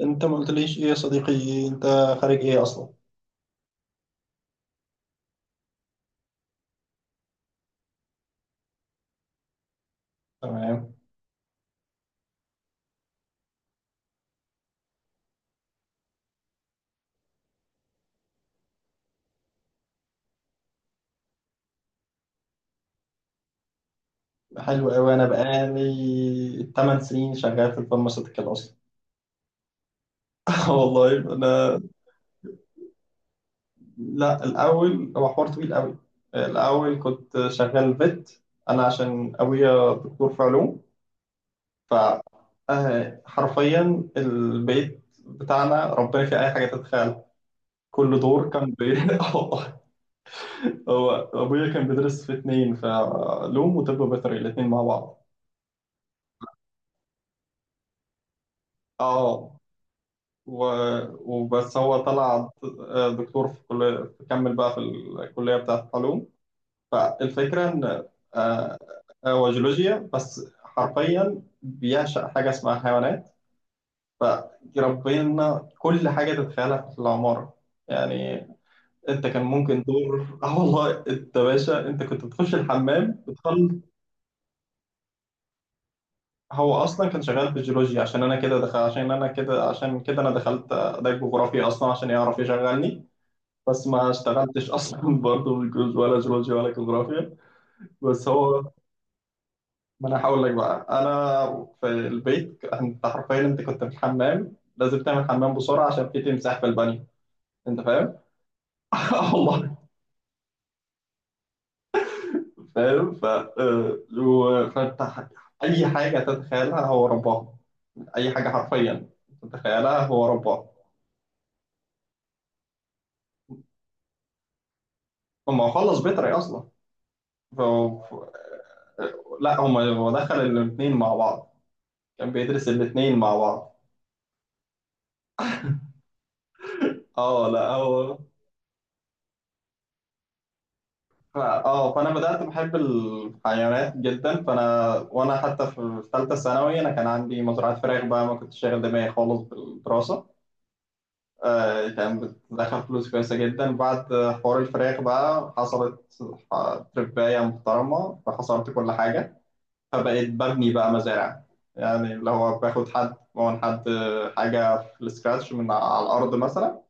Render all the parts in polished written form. انت ما قلتليش ايه يا صديقي انت خارج ايه اصلا. تمام. حلو قوي، انا بقالي 8 سنين شغال في الفارماسيوتيكال اصلا. آه والله انا. لا، الاول هو حوار طويل قوي. الاول كنت شغال فيت، انا عشان ابويا دكتور في علوم، فحرفيا البيت بتاعنا ربنا في اي حاجه تتخيل. كل دور كان آه والله. هو ابويا كان بيدرس في 2، فعلوم وطب بيطري الاتنين مع بعض. اه. و... وبس هو طلع دكتور في كلية، كمل بقى في الكلية بتاعة العلوم. فالفكرة إن آه، هو جيولوجيا، بس حرفيا بيعشق حاجة اسمها حيوانات، فربنا كل حاجة تتخيلها في العمارة. يعني انت كان ممكن دور، اه والله، انت باشا، انت كنت بتخش الحمام بتخل. هو اصلا كان شغال في الجيولوجيا، عشان انا كده دخل، عشان انا كده، عشان كده انا دخلت ده جغرافيا اصلا عشان يعرف يشغلني. بس ما اشتغلتش اصلا برضه بالجيولوجي، ولا جيولوجيا ولا جغرافيا. بس هو، ما انا هقول لك بقى، انا في البيت، انت حرفيا، انت كنت في الحمام لازم تعمل حمام بسرعه عشان في تمساح في البانيو. انت فاهم؟ آه والله. فاهم، ف آه، و- فانت ح- اي حاجه تتخيلها هو رباها، اي حاجه حرفيا تتخيلها هو رباها. هو خلص بيطري اصلا، ف... ف- لا، هو دخل الاثنين مع بعض، كان بيدرس الاثنين مع بعض. اه لا هو. ف- اه فانا بدات بحب الحيوانات جدا، فانا وانا حتى في ثالثه ثانوي انا كان عندي مزرعه فراخ بقى، ما كنتش شاغل دماغي خالص بالدراسه. آه كان بتدخل فلوس كويسه جدا. بعد حوار الفراخ بقى حصلت تربايه محترمه، فحصرت كل حاجه، فبقيت ببني بقى مزارع. يعني اللي هو باخد حد من حد حاجه في السكراتش من على الارض مثلا.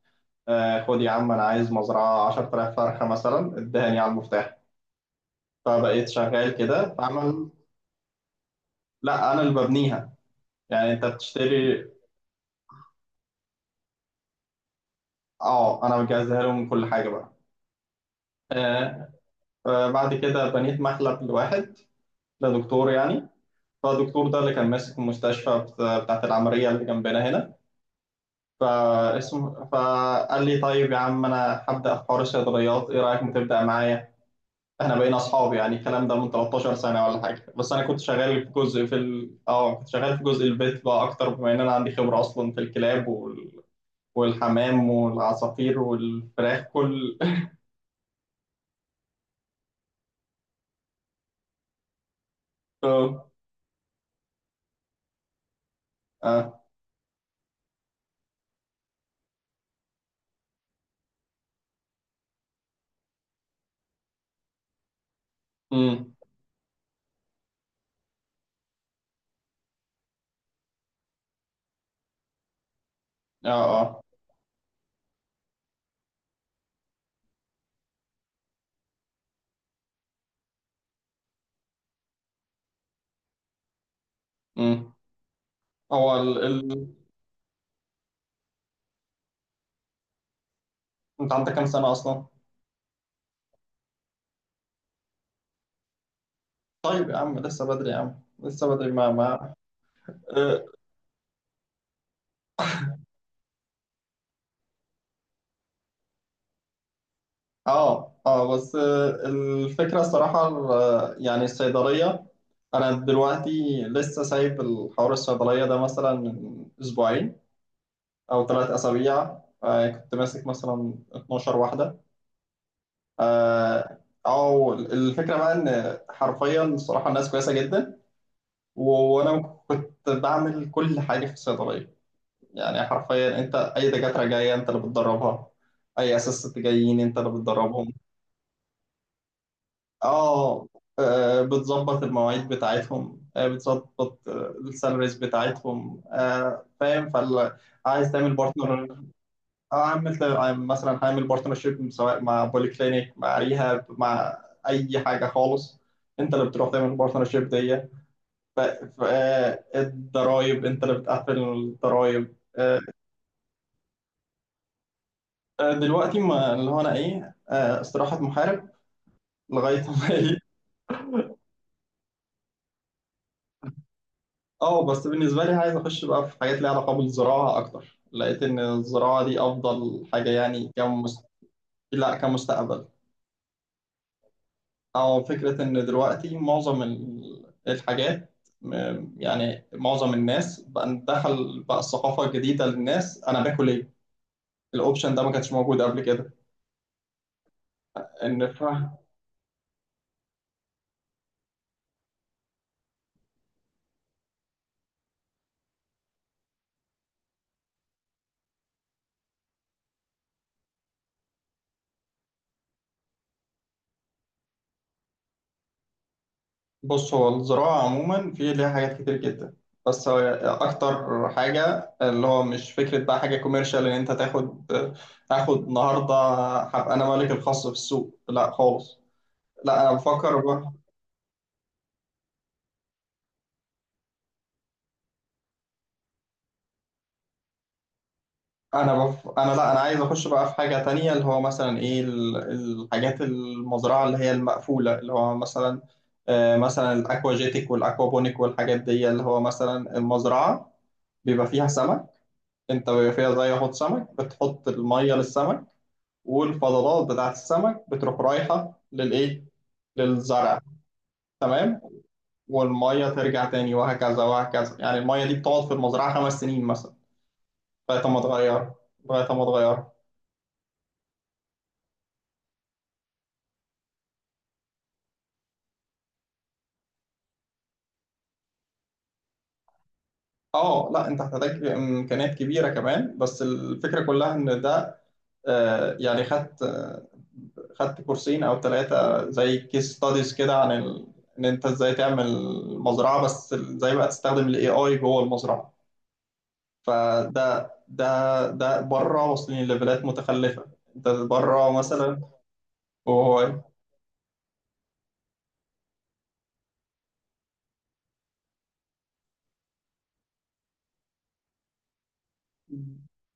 آه خد يا عم، انا عايز مزرعه 10000 فرخه مثلا، ادهني على المفتاح. فبقيت شغال كده فعمل. لا انا اللي ببنيها. يعني انت بتشتري. اه، انا بجهزها لهم كل حاجه بقى. آه. بعد كده بنيت مخلب لواحد، لدكتور يعني. فالدكتور ده اللي كان ماسك المستشفى بتاعت العملية اللي جنبنا هنا. فاسمه، فقال لي طيب يا عم أنا هبدأ في حوار الصيدليات، إيه رأيك ما تبدأ معايا؟ إحنا بقينا أصحاب يعني. الكلام ده من 13 سنة ولا حاجة. بس أنا كنت شغال في جزء في ال... أه كنت شغال في جزء البيت بقى أكتر، بما إن أنا عندي خبرة أصلا في الكلاب والحمام والعصافير والفراخ كل. اه. اه. امم. اه. اه. امم هو ال... ال... انت عندك كام سنة اصلا؟ طيب يا عم لسه بدري، يا عم لسه بدري، ما ما اه. اه. آه، بس آه، الفكرة الصراحة، يعني الصيدلية، انا دلوقتي لسه سايب الحوار الصيدلية ده مثلا من أسبوعين او 3 اسابيع. كنت ماسك مثلا 12 واحدة. اه. أو الفكره بقى ان حرفيا الصراحه الناس كويسه جدا، وانا كنت بعمل كل حاجه في الصيدليه. يعني حرفيا انت، اي دكاتره جايه انت اللي بتدربها، اي اساس جايين انت اللي بتدربهم. اه. بتظبط المواعيد بتاعتهم، بتظبط السالاريز بتاعتهم، فاهم. فعايز تعمل بارتنر. اه، عملت. مثلا هعمل بارتنرشيب سواء مع بولي كلينيك، مع ريهاب، مع اي حاجه خالص. انت اللي بتروح تعمل البارتنرشيب دي. الضرايب انت اللي بتقفل الضرايب، دلوقتي ما اللي هو انا ايه، استراحه محارب لغايه ما ايه. اه، بس بالنسبه لي عايز اخش بقى في حاجات ليها علاقه بالزراعه اكتر. لقيت ان الزراعه دي افضل حاجه يعني لا، كمستقبل. أو فكرة إن دلوقتي معظم الحاجات، يعني معظم الناس بقى، دخل بقى الثقافة الجديدة للناس، أنا باكل إيه؟ الأوبشن ده ما كانش موجود قبل كده. إن ف- بص، هو الزراعة عموما في ليها حاجات كتير جدا، بس هو أكتر حاجة اللي هو مش فكرة بقى حاجة كوميرشال إن أنت تاخد النهاردة، هبقى أنا مالك الخاص في السوق، لا خالص، لا أنا بفكر. انا بف... انا لا انا عايز اخش بقى في حاجه تانية اللي هو مثلا ايه، الحاجات المزرعه اللي هي المقفوله، اللي هو مثلا، آه مثلا الاكواجيتك والاكوابونيك والحاجات دي، اللي هو مثلا المزرعه بيبقى فيها سمك. انت بيبقى فيها زي حوض سمك، بتحط الميه للسمك، والفضلات بتاعت السمك بتروح رايحه للايه، للزرع. تمام. والميه ترجع تاني وهكذا وهكذا. يعني الميه دي بتقعد في المزرعه 5 سنين مثلا لغايه ما تغير، لغايه ما تغير. اه لا، انت هتحتاج امكانيات كبيره كمان، بس الفكره كلها ان ده، يعني خدت، خدت كورسين او 3 زي كيس ستاديز كده عن ان انت ازاي تعمل مزرعه، بس ازاي بقى تستخدم الاي اي جوه المزرعه. فده ده ده بره، واصلين لليفلات متخلفه. انت بره مثلا. وهو،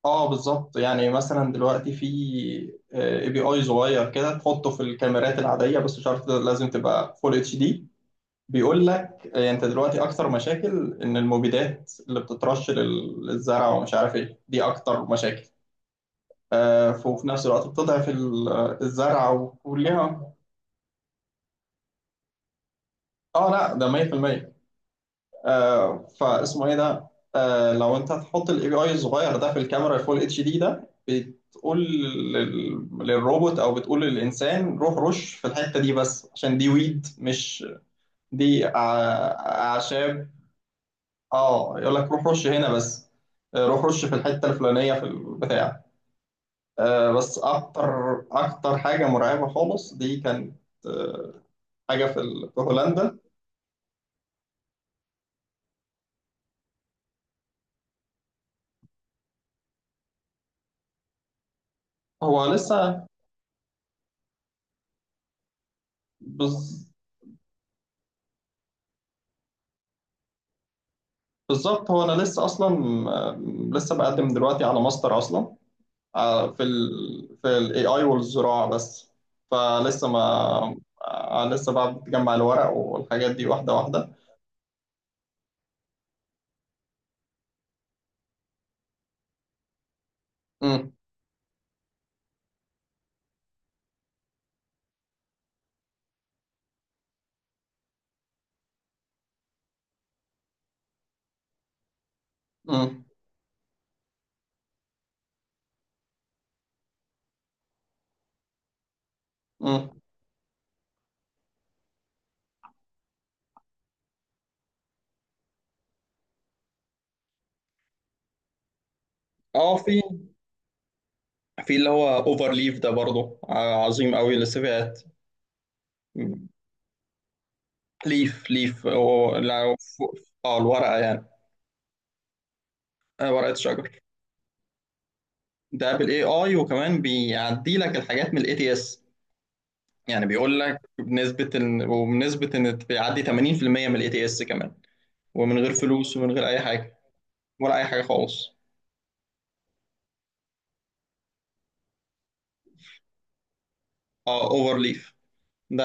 اه بالظبط. يعني مثلا دلوقتي في اي بي اي صغير كده تحطه في الكاميرات العاديه، بس مش عارف لازم تبقى فول اتش دي. بيقول لك انت دلوقتي اكتر مشاكل ان المبيدات اللي بتترش للزرع ومش عارف ايه، دي اكتر مشاكل. وفي نفس الوقت بتضعف الزرع وكلها. اه لا ده 100%. فاسمه ايه ده. لو انت هتحط الاي بي اي الصغير ده في الكاميرا فول اتش دي، ده بتقول للروبوت او بتقول للانسان روح رش في الحتة دي، بس عشان دي ويد، مش دي اعشاب. اه يقول لك روح رش هنا بس، روح رش في الحته الفلانيه في البتاع. آه، بس اكتر اكتر حاجه مرعبه خالص دي كانت، آه، حاجه في هولندا. هو لسه بز- بالظبط. هو انا لسه اصلا، آه، لسه بقدم دلوقتي على ماستر اصلا، في ال في الاي اي والزراعه بس. فلسه ما لسه بقى بتجمع الورق والحاجات دي واحده واحده. امم. امم. امم. اه. في. في اللي هو اوفر ليف ده برضه عظيم قوي للسيفيات. ليف ليف هو لو اه، الورقه يعني، ورقه الشجر. ده بالاي اي، وكمان بيعدي لك الحاجات من الاي تي اس. يعني بيقول لك بنسبه ان وبنسبه ان بيعدي 80% من الاي تي اس كمان، ومن غير فلوس ومن غير اي حاجه. ولا اي حاجه خالص. اه اوفر ليف. ده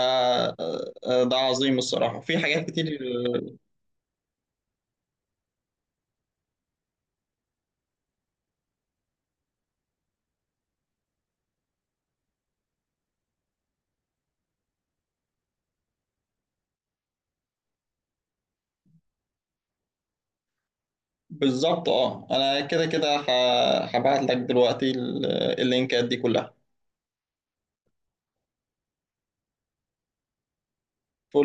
آه، آه، ده عظيم الصراحه، في حاجات كتير. بالظبط. اه انا كده كده هبعت لك دلوقتي اللينكات دي كلها.